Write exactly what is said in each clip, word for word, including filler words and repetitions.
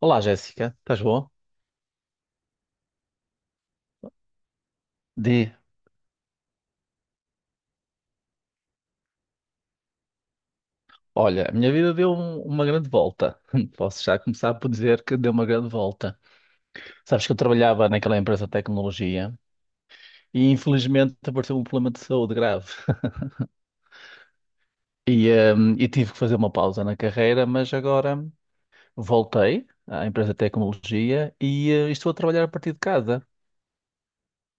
Olá, Jéssica, estás boa? Di, Olha, a minha vida deu um- uma grande volta. Posso já começar por dizer que deu uma grande volta. Sabes que eu trabalhava naquela empresa de tecnologia e infelizmente apareceu um problema de saúde grave. E, hum, e tive que fazer uma pausa na carreira, mas agora voltei à empresa de tecnologia e eh, estou a trabalhar a partir de casa.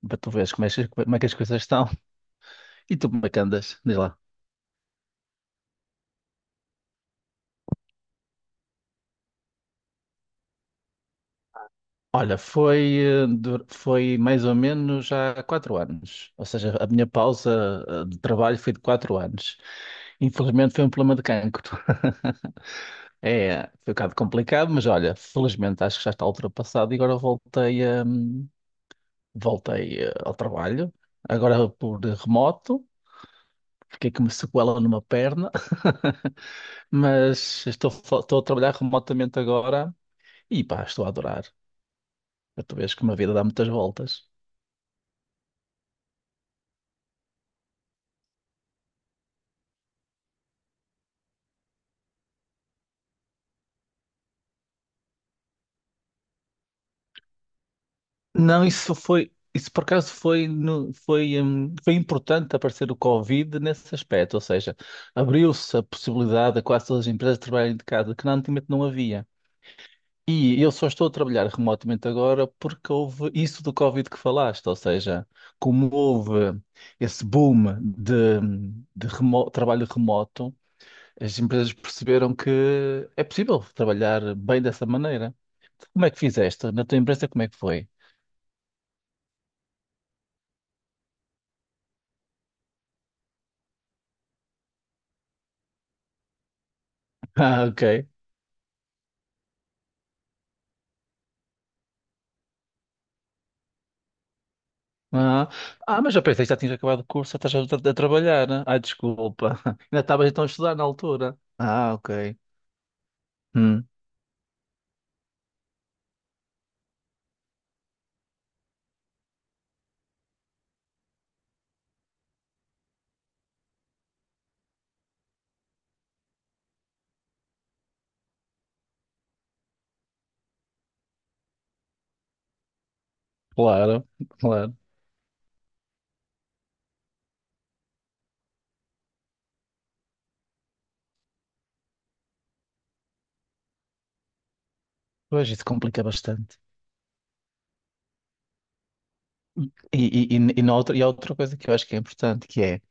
Para tu veres como é, que- como é que as coisas estão. E tu, como é que andas? Diz lá. Olha, foi, eh, du- foi mais ou menos há quatro anos. Ou seja, a minha pausa eh, de trabalho foi de quatro anos. Infelizmente foi um problema de cancro. É, foi um bocado complicado, mas olha, felizmente acho que já está ultrapassado e agora voltei, hum, voltei eh, ao trabalho. Agora por remoto, fiquei com uma sequela numa perna, mas estou, fa- estou a trabalhar remotamente agora e pá, estou a adorar. Tu vês que uma vida dá muitas voltas. Não, isso foi, isso por acaso foi, no- foi, hum, foi importante aparecer o Covid nesse aspecto, ou seja, abriu-se a possibilidade a quase todas as empresas trabalharem de casa, que antigamente não havia. E eu só estou a trabalhar remotamente agora porque houve isso do Covid que falaste, ou seja, como houve esse boom de, de remo- trabalho remoto, as empresas perceberam que é possível trabalhar bem dessa maneira. Como é que fizeste? Na tua empresa, como é que foi? Ah, ok. Ah, ah, mas eu pensei que já tinhas acabado o curso, já estás a, a a trabalhar, né? Ai, desculpa. Ainda estavas então a estudar na altura. Ah, ok. Hum, Claro, claro. Pois isso complica bastante. E, e, e, e, na outra, e há outra coisa que eu acho que é importante, que é,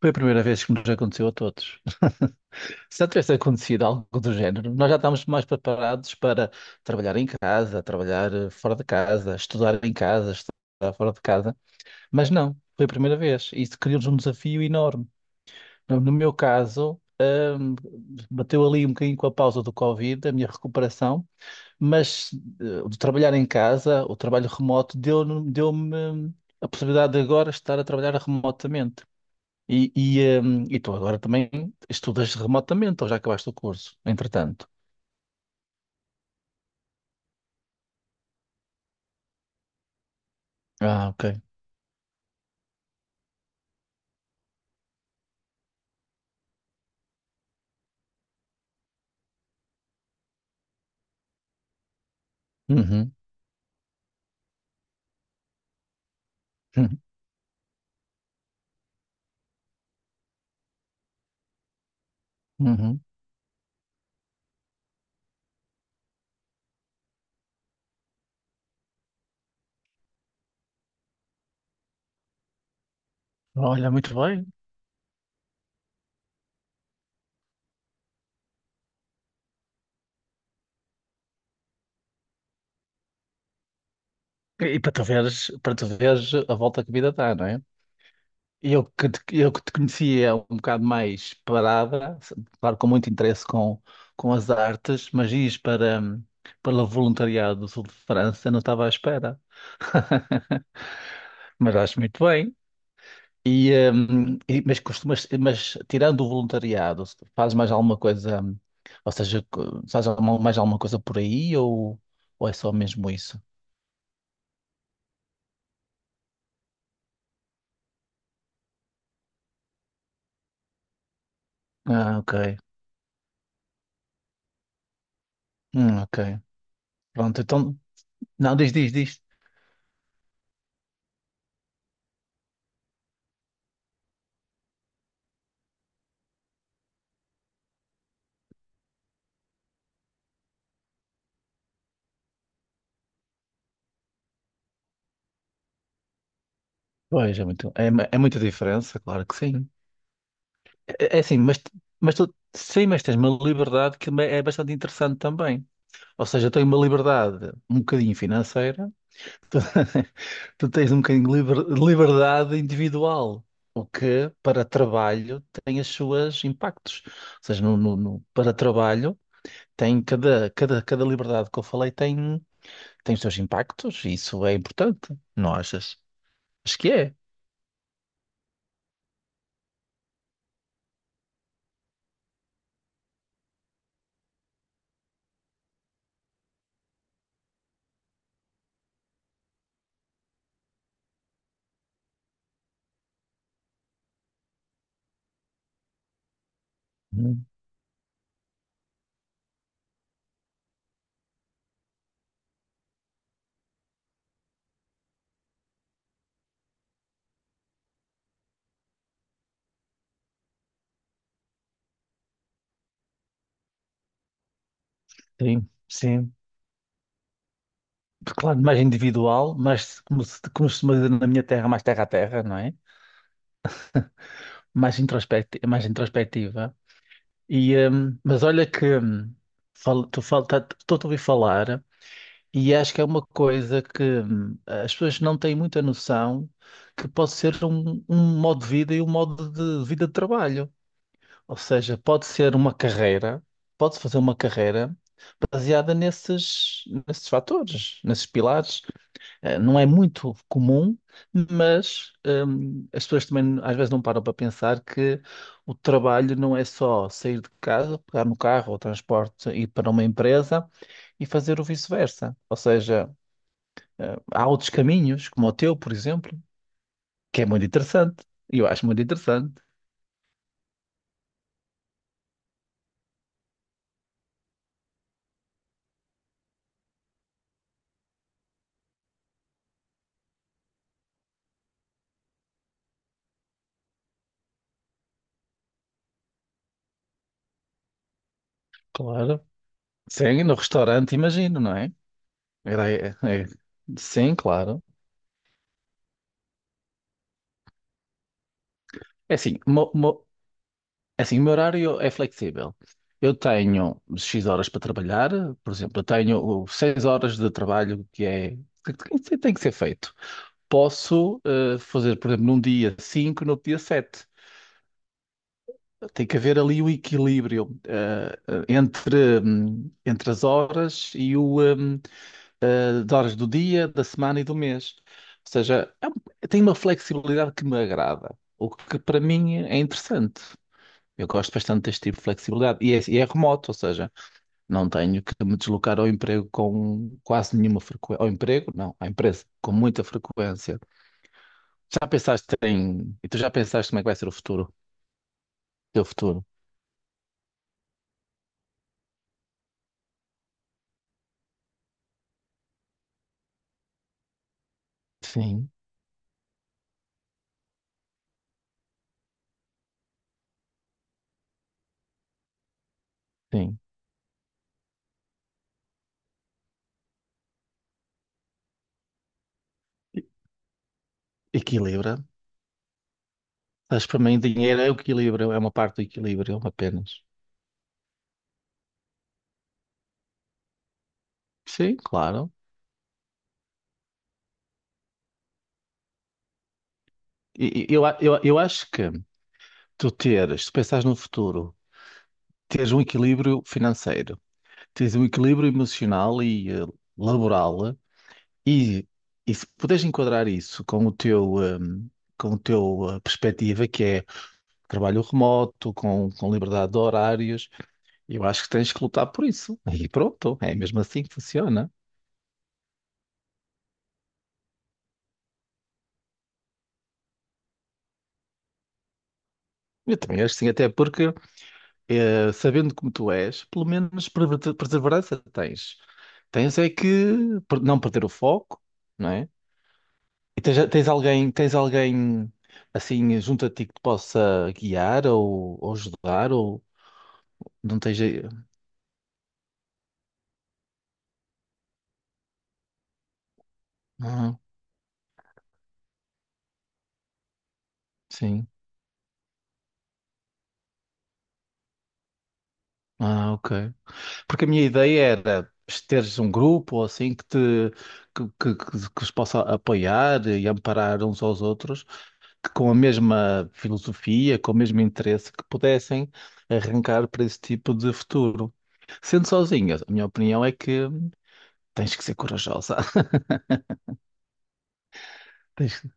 foi a primeira vez que nos aconteceu a todos. Se já tivesse acontecido algo do género, nós já estávamos mais preparados para trabalhar em casa, trabalhar eh, fora de casa, estudar em casa, estudar fora de casa. Mas não, foi a primeira vez. Isso criou-nos um desafio enorme. No no meu caso, bateu ali um bocadinho com a pausa do Covid, a minha recuperação, mas eh, de trabalhar em casa, o trabalho remoto, deu-me deu-me a possibilidade de agora estar a trabalhar remotamente. E, e, eh, e tu agora também estudas remotamente, ou já acabaste o curso, entretanto? Ah, ok. Uhum. Uhum. Uhum. Olha, muito bem. E e para tu veres, para tu veres a volta que a vida dá, não é? Eu que te, eu que te conhecia um bocado mais parada, claro, com muito interesse com, com as artes, mas ias para, hum, para o voluntariado do sul de França, não estava à espera. Mas acho muito bem. E, hum, e- mas costumas, mas tirando o voluntariado, fazes mais alguma coisa, hum, ou seja, co- fazes alguma- mais alguma coisa por aí ou, ou é só mesmo isso? Ah, ok. Hum, ok. Pronto, então, não, diz, diz, diz. Pois, é muito, é, é muita diferença, claro que sim. É é assim, mas, mas tu, sim, mas tens uma liberdade que é bastante interessante também. Ou seja, eu tenho uma liberdade um bocadinho financeira, tu tens um bocadinho de liber- liberdade individual, o que para trabalho tem as suas impactos. Ou seja, no, no- no- para trabalho tem cada, cada, cada liberdade que eu falei tem, tem os seus impactos, e isso é importante, não achas? Acho que é. Hum, Sim, sim. Claro, mais individual, mas como se, como se costuma dizer na minha terra, mais terra a terra, não é? Mais introspecti mais introspectiva. E, hum, mas olha que hum, fal- tu fal- tá- estou a ouvir falar e acho que é uma coisa que hum, as pessoas não têm muita noção que pode ser um, um modo de vida e um modo de vida de trabalho. Ou seja, pode ser uma carreira, pode-se fazer uma carreira baseada nesses, nesses fatores, nesses pilares. Eh, Não é muito comum, mas hum, as pessoas também às vezes não param para pensar que o trabalho não é só sair de casa, pegar no carro ou transporte, ir para uma empresa e fazer o vice-versa. Ou seja, eh, há outros caminhos, como o teu, por exemplo, que é muito interessante. E Eu acho muito interessante, claro. Sim, no restaurante, imagino, não é? Era- é- é- Sim, claro. É assim, uma, uma- Assim, o meu horário é flexível. Eu tenho X horas para trabalhar, por exemplo, eu tenho seis horas de trabalho que é que tem que ser tem que ser feito. Posso eh, fazer, por exemplo, num dia cinco, no outro dia sete. Tem que haver ali o equilíbrio eh, eh, entre, hum, entre as horas e o, hum, eh, as horas do dia, da semana e do mês. Ou seja, é um- tem uma flexibilidade que me agrada, o que para mim é interessante. Eu gosto bastante deste tipo de flexibilidade. E é, e é remoto, ou seja, não tenho que me deslocar ao emprego com quase nenhuma frequência. Ao emprego, não, à empresa, com muita frequência. Já pensaste em. E tu já pensaste como é que vai ser o futuro? Teu futuro? Sim, sim. E- Equilibra. Mas para mim, dinheiro é o equilíbrio, é uma parte do equilíbrio apenas. Sim, claro. E, e eu, a- eu, eu acho que tu teres, se pensares no futuro, teres um equilíbrio financeiro, teres um equilíbrio emocional e eh, laboral. E, e se puderes enquadrar isso com o teu, hum, com o teu eh, perspectiva, que é trabalho remoto, com, com liberdade de horários, eu acho que tens que lutar por isso. E pronto, é mesmo assim que funciona. Eu também acho que sim, até porque, eh, sabendo como tu és, pelo menos perver- perseverança tens. Tens é que per- não perder o foco, não é? E tens, tens alguém, tens alguém assim junto a ti que te possa guiar ou, ou ajudar, ou não tens. eh, Sim. Ah, ok. Porque a minha ideia era teres um grupo ou assim que te que, que, que, que os possa apoiar e amparar uns aos outros, que com a mesma filosofia, com o mesmo interesse, que pudessem arrancar para esse tipo de futuro. Sendo sozinha, a minha opinião é que tens que ser corajosa. Tens que-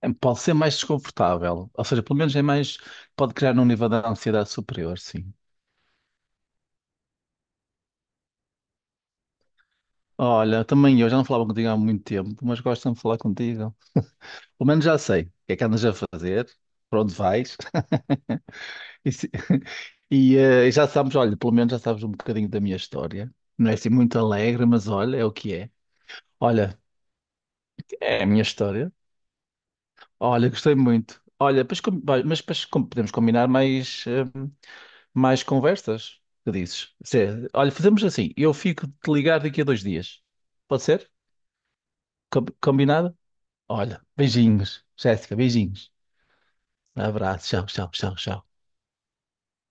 É, pode ser mais desconfortável, ou seja, pelo menos é mais, pode criar um nível de ansiedade superior, sim. Olha, também eu já não falava contigo há muito tempo, mas gosto de falar contigo. Pelo menos já sei o que é que andas a fazer, para onde vais. E, se- e, eh, já sabes, olha, pelo menos já sabes um bocadinho da minha história. Não é assim muito alegre, mas olha, é o que é. Olha, é a minha história. Olha, gostei muito. Olha, pois com- vai, mas pois com- podemos combinar mais, eh, mais conversas. Que dizes? Se- olha, fazemos assim. Eu fico de te ligar daqui a dois dias. Pode ser? Com- Combinado? Olha, beijinhos. Jéssica, beijinhos. Abraço. Tchau, tchau, tchau, tchau.